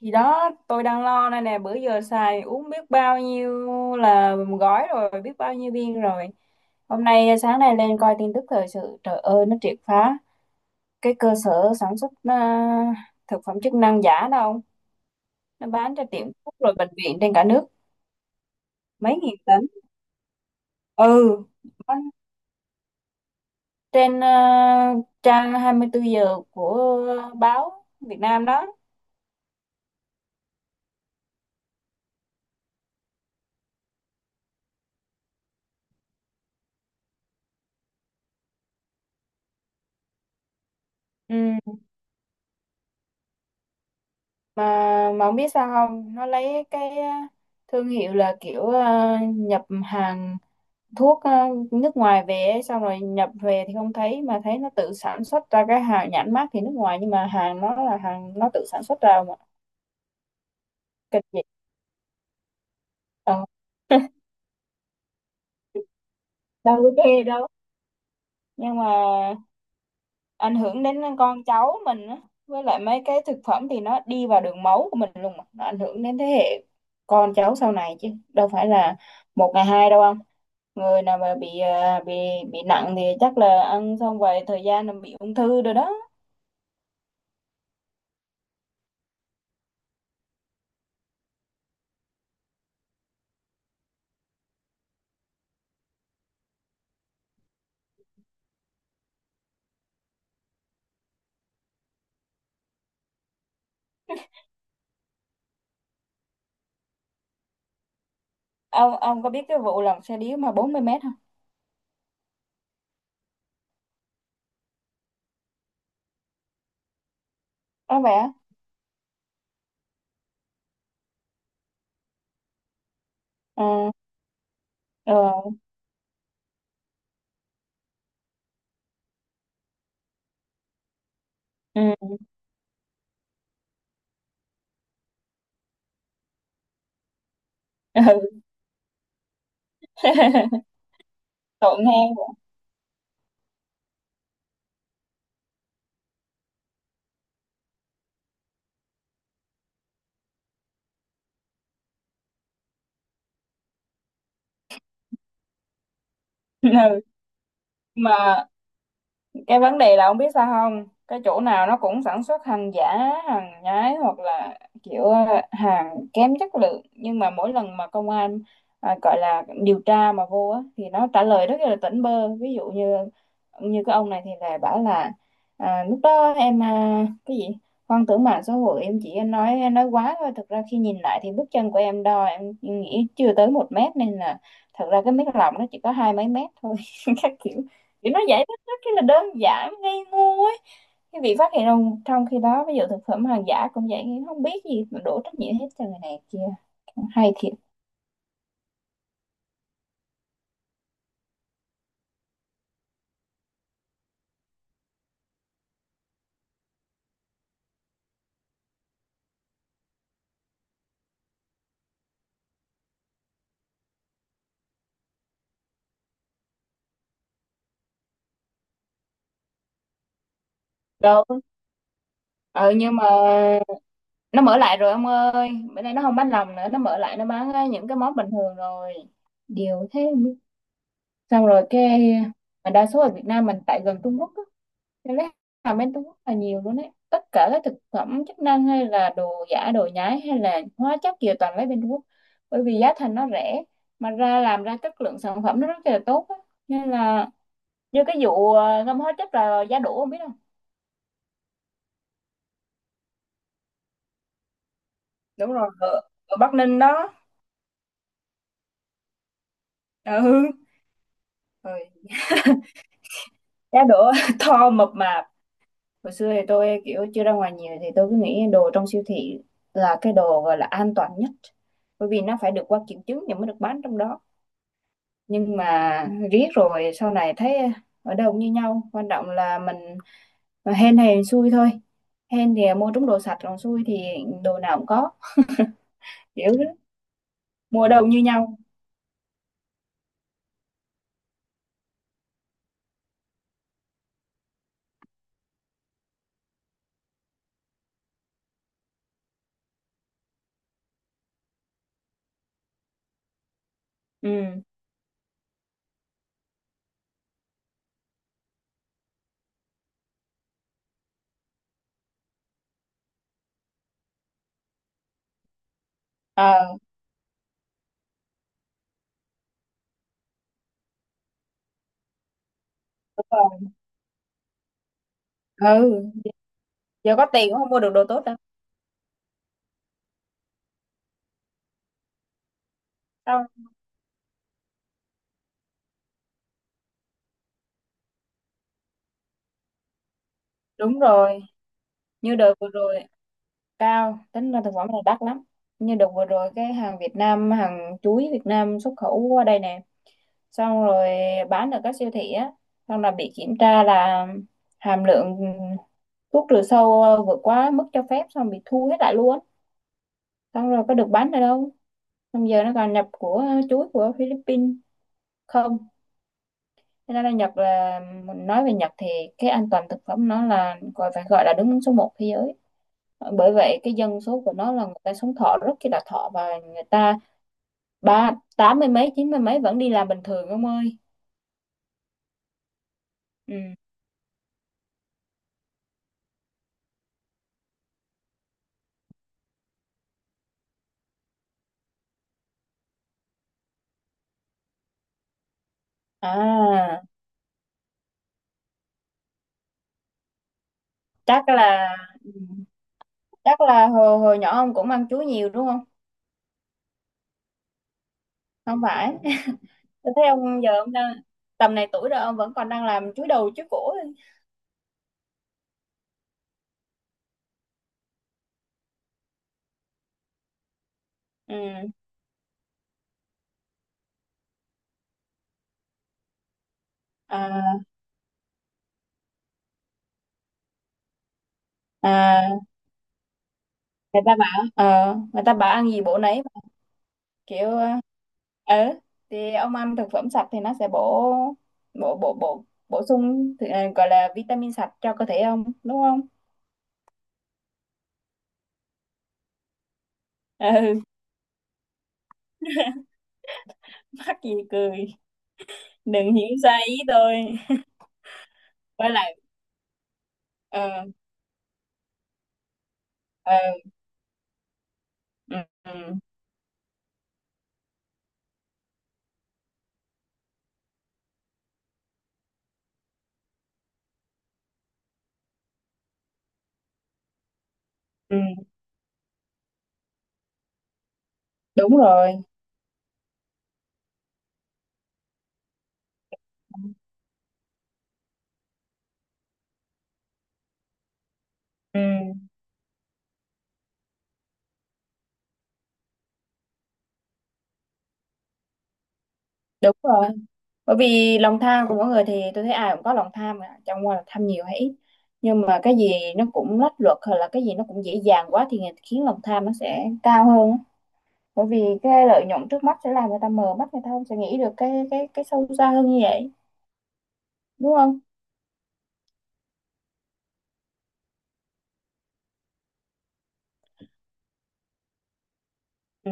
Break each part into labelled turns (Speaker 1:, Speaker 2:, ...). Speaker 1: Thì đó, tôi đang lo đây nè, bữa giờ xài uống biết bao nhiêu là gói rồi, biết bao nhiêu viên rồi. Hôm nay sáng nay lên coi tin tức thời sự, trời ơi, nó triệt phá cái cơ sở sản xuất thực phẩm chức năng giả đâu nó bán cho tiệm thuốc rồi bệnh viện trên cả nước, mấy nghìn tấn. Ừ, bán trên trang 24 giờ của báo Việt Nam đó. Ừ, mà mà không biết sao không, nó lấy cái thương hiệu là kiểu nhập hàng thuốc nước ngoài về ấy, xong rồi nhập về thì không thấy mà thấy nó tự sản xuất ra cái hàng nhãn mác thì nước ngoài, nhưng mà hàng nó là hàng nó tự sản xuất ra mà. Kinh dị, ờ, đâu có chê đâu, nhưng mà ảnh hưởng đến con cháu mình á. Với lại mấy cái thực phẩm thì nó đi vào đường máu của mình luôn mà, nó ảnh hưởng đến thế hệ con cháu sau này chứ đâu phải là một ngày hai đâu. Không, người nào mà bị nặng thì chắc là ăn xong vài thời gian là bị ung thư rồi đó. Ông có biết cái vụ lòng xe điếu mà bốn mươi mét không? Có vẻ ừ, ừ, ừ, ừ. Tội nghe. Ừ. Mà cái vấn đề là ông biết sao không, cái chỗ nào nó cũng sản xuất hàng giả, hàng nhái, hoặc là kiểu hàng kém chất lượng, nhưng mà mỗi lần mà công an gọi là điều tra mà vô á, thì nó trả lời rất là tỉnh bơ. Ví dụ như như cái ông này thì là bảo là lúc đó em cái gì hoang tưởng mạng xã hội, em chỉ nói quá thôi, thực ra khi nhìn lại thì bước chân của em đo em nghĩ chưa tới một mét, nên là thật ra cái mét lòng nó chỉ có hai mấy mét thôi. Các kiểu, kiểu nó vậy đó, rất là đơn giản ngây ngô ấy. Cái việc phát hiện trong trong khi đó, ví dụ thực phẩm hàng giả cũng vậy, không biết gì mà đổ trách nhiệm hết cho người này kia. Hay thiệt. Đâu, ừ. Nhưng mà nó mở lại rồi ông ơi, bữa nay nó không bán lòng nữa, nó mở lại nó bán những cái món bình thường rồi. Điều thế. Xong rồi cái mà đa số ở Việt Nam mình tại gần Trung Quốc á, nên lấy hàng bên Trung Quốc là nhiều luôn đấy, tất cả các thực phẩm chức năng hay là đồ giả đồ nhái hay là hóa chất gì toàn lấy bên Trung Quốc, bởi vì giá thành nó rẻ mà ra làm ra chất lượng sản phẩm nó rất là tốt á. Nên là như cái vụ ngâm hóa chất là giá đỗ, không biết không? Đúng rồi, ở, ở Bắc Ninh đó. Ừ, rồi giá đỗ to mập mạp. Hồi xưa thì tôi kiểu chưa ra ngoài nhiều thì tôi cứ nghĩ đồ trong siêu thị là cái đồ gọi là an toàn nhất, bởi vì nó phải được qua kiểm chứng thì mới được bán trong đó. Nhưng mà riết rồi sau này thấy ở đâu cũng như nhau, quan trọng là mình mà hên hay xui thôi. Hên thì mua trúng đồ sạch, còn xui thì đồ nào cũng có, kiểu thế. Mua đâu cũng như nhau. Ừ, ờ, đúng rồi. Ừ, giờ có tiền cũng không mua được đồ tốt đâu. Đâu, đúng rồi, như đợt vừa rồi cao, tính ra thực phẩm này đắt lắm. Như đợt vừa rồi cái hàng Việt Nam, hàng chuối Việt Nam xuất khẩu qua đây nè, xong rồi bán ở các siêu thị á, xong là bị kiểm tra là hàm lượng thuốc trừ sâu vượt quá mức cho phép, xong bị thu hết lại luôn, xong rồi có được bán ở đâu. Xong giờ nó còn nhập của chuối của Philippines không. Thế nên là Nhật là, mình nói về Nhật thì cái an toàn thực phẩm nó là gọi phải gọi là đứng số một thế giới. Bởi vậy cái dân số của nó là người ta sống thọ rất là thọ, và người ta ba tám mươi mấy chín mươi mấy vẫn đi làm bình thường ông ơi. Ừ. À chắc là ừ, chắc là hồi hồi nhỏ ông cũng ăn chuối nhiều đúng không? Không phải tôi thấy ông giờ ông đang tầm này tuổi rồi ông vẫn còn đang làm chuối đầu chuối cổ. Ừ. À, à, người ta bảo người ta bảo ăn gì bổ nấy mà. Kiểu ờ, ừ, thì ông ăn thực phẩm sạch thì nó sẽ bổ bổ bổ bổ bổ sung thì, ờ, gọi là vitamin sạch cho cơ thể ông đúng không? Ừ. Mắc gì cười, đừng hiểu sai ý tôi. Quay lại. Ờ, ờ, ừ, ừ, ừ, đúng rồi. Ừ, đúng rồi. Bởi vì lòng tham của mỗi người, thì tôi thấy ai cũng có lòng tham mà chẳng qua là tham nhiều hay ít, nhưng mà cái gì nó cũng lách luật, hay là cái gì nó cũng dễ dàng quá thì khiến lòng tham nó sẽ cao hơn á. Bởi vì cái lợi nhuận trước mắt sẽ làm người ta mờ mắt, người ta không sẽ nghĩ được cái cái sâu xa hơn như vậy, đúng không? Ừ,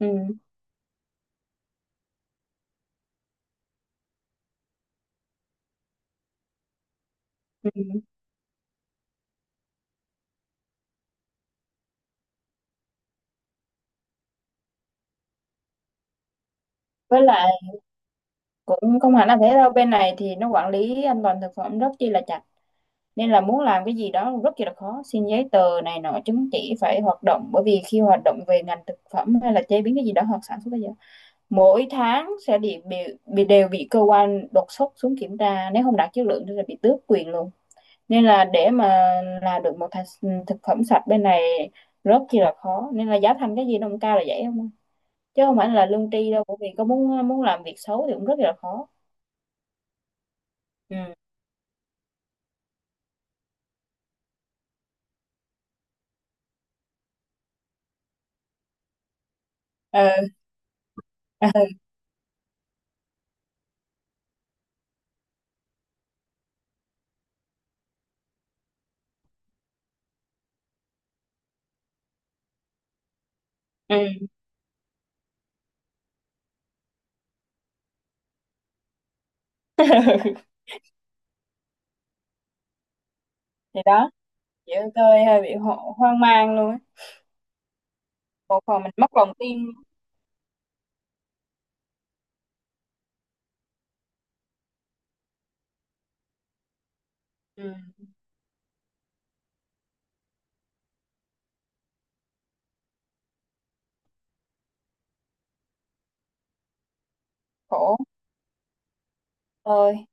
Speaker 1: ừ, ừ, với lại cũng không hẳn là thế đâu, bên này thì nó quản lý an toàn thực phẩm rất chi là chặt, nên là muốn làm cái gì đó rất là khó, xin giấy tờ này nọ chứng chỉ phải hoạt động, bởi vì khi hoạt động về ngành thực phẩm hay là chế biến cái gì đó hoặc sản xuất bây giờ, mỗi tháng sẽ bị đều bị cơ quan đột xuất xuống kiểm tra, nếu không đạt chất lượng thì là bị tước quyền luôn. Nên là để mà làm được một thực phẩm sạch bên này rất là khó, nên là giá thành cái gì nó cũng cao là vậy không, chứ không phải là lương tri đâu, bởi vì có muốn muốn làm việc xấu thì cũng rất là khó. Ừ. Ờ. ừ. Thì đó, chị ơi, tôi hơi bị hoang mang luôn á. Một hồi mình mất lòng tin. Ừ, khổ. Tôi,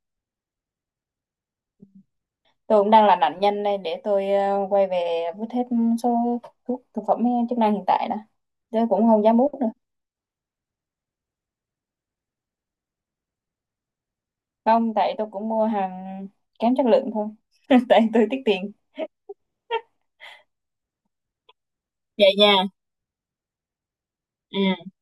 Speaker 1: tôi cũng đang là nạn nhân đây, để tôi quay về vứt hết số thuốc thực phẩm chức năng hiện tại đã. Tôi cũng không dám uống nữa. Không, tại tôi cũng mua hàng kém chất lượng thôi. Tại tôi tiết tiền. Vậy nha. Ừ.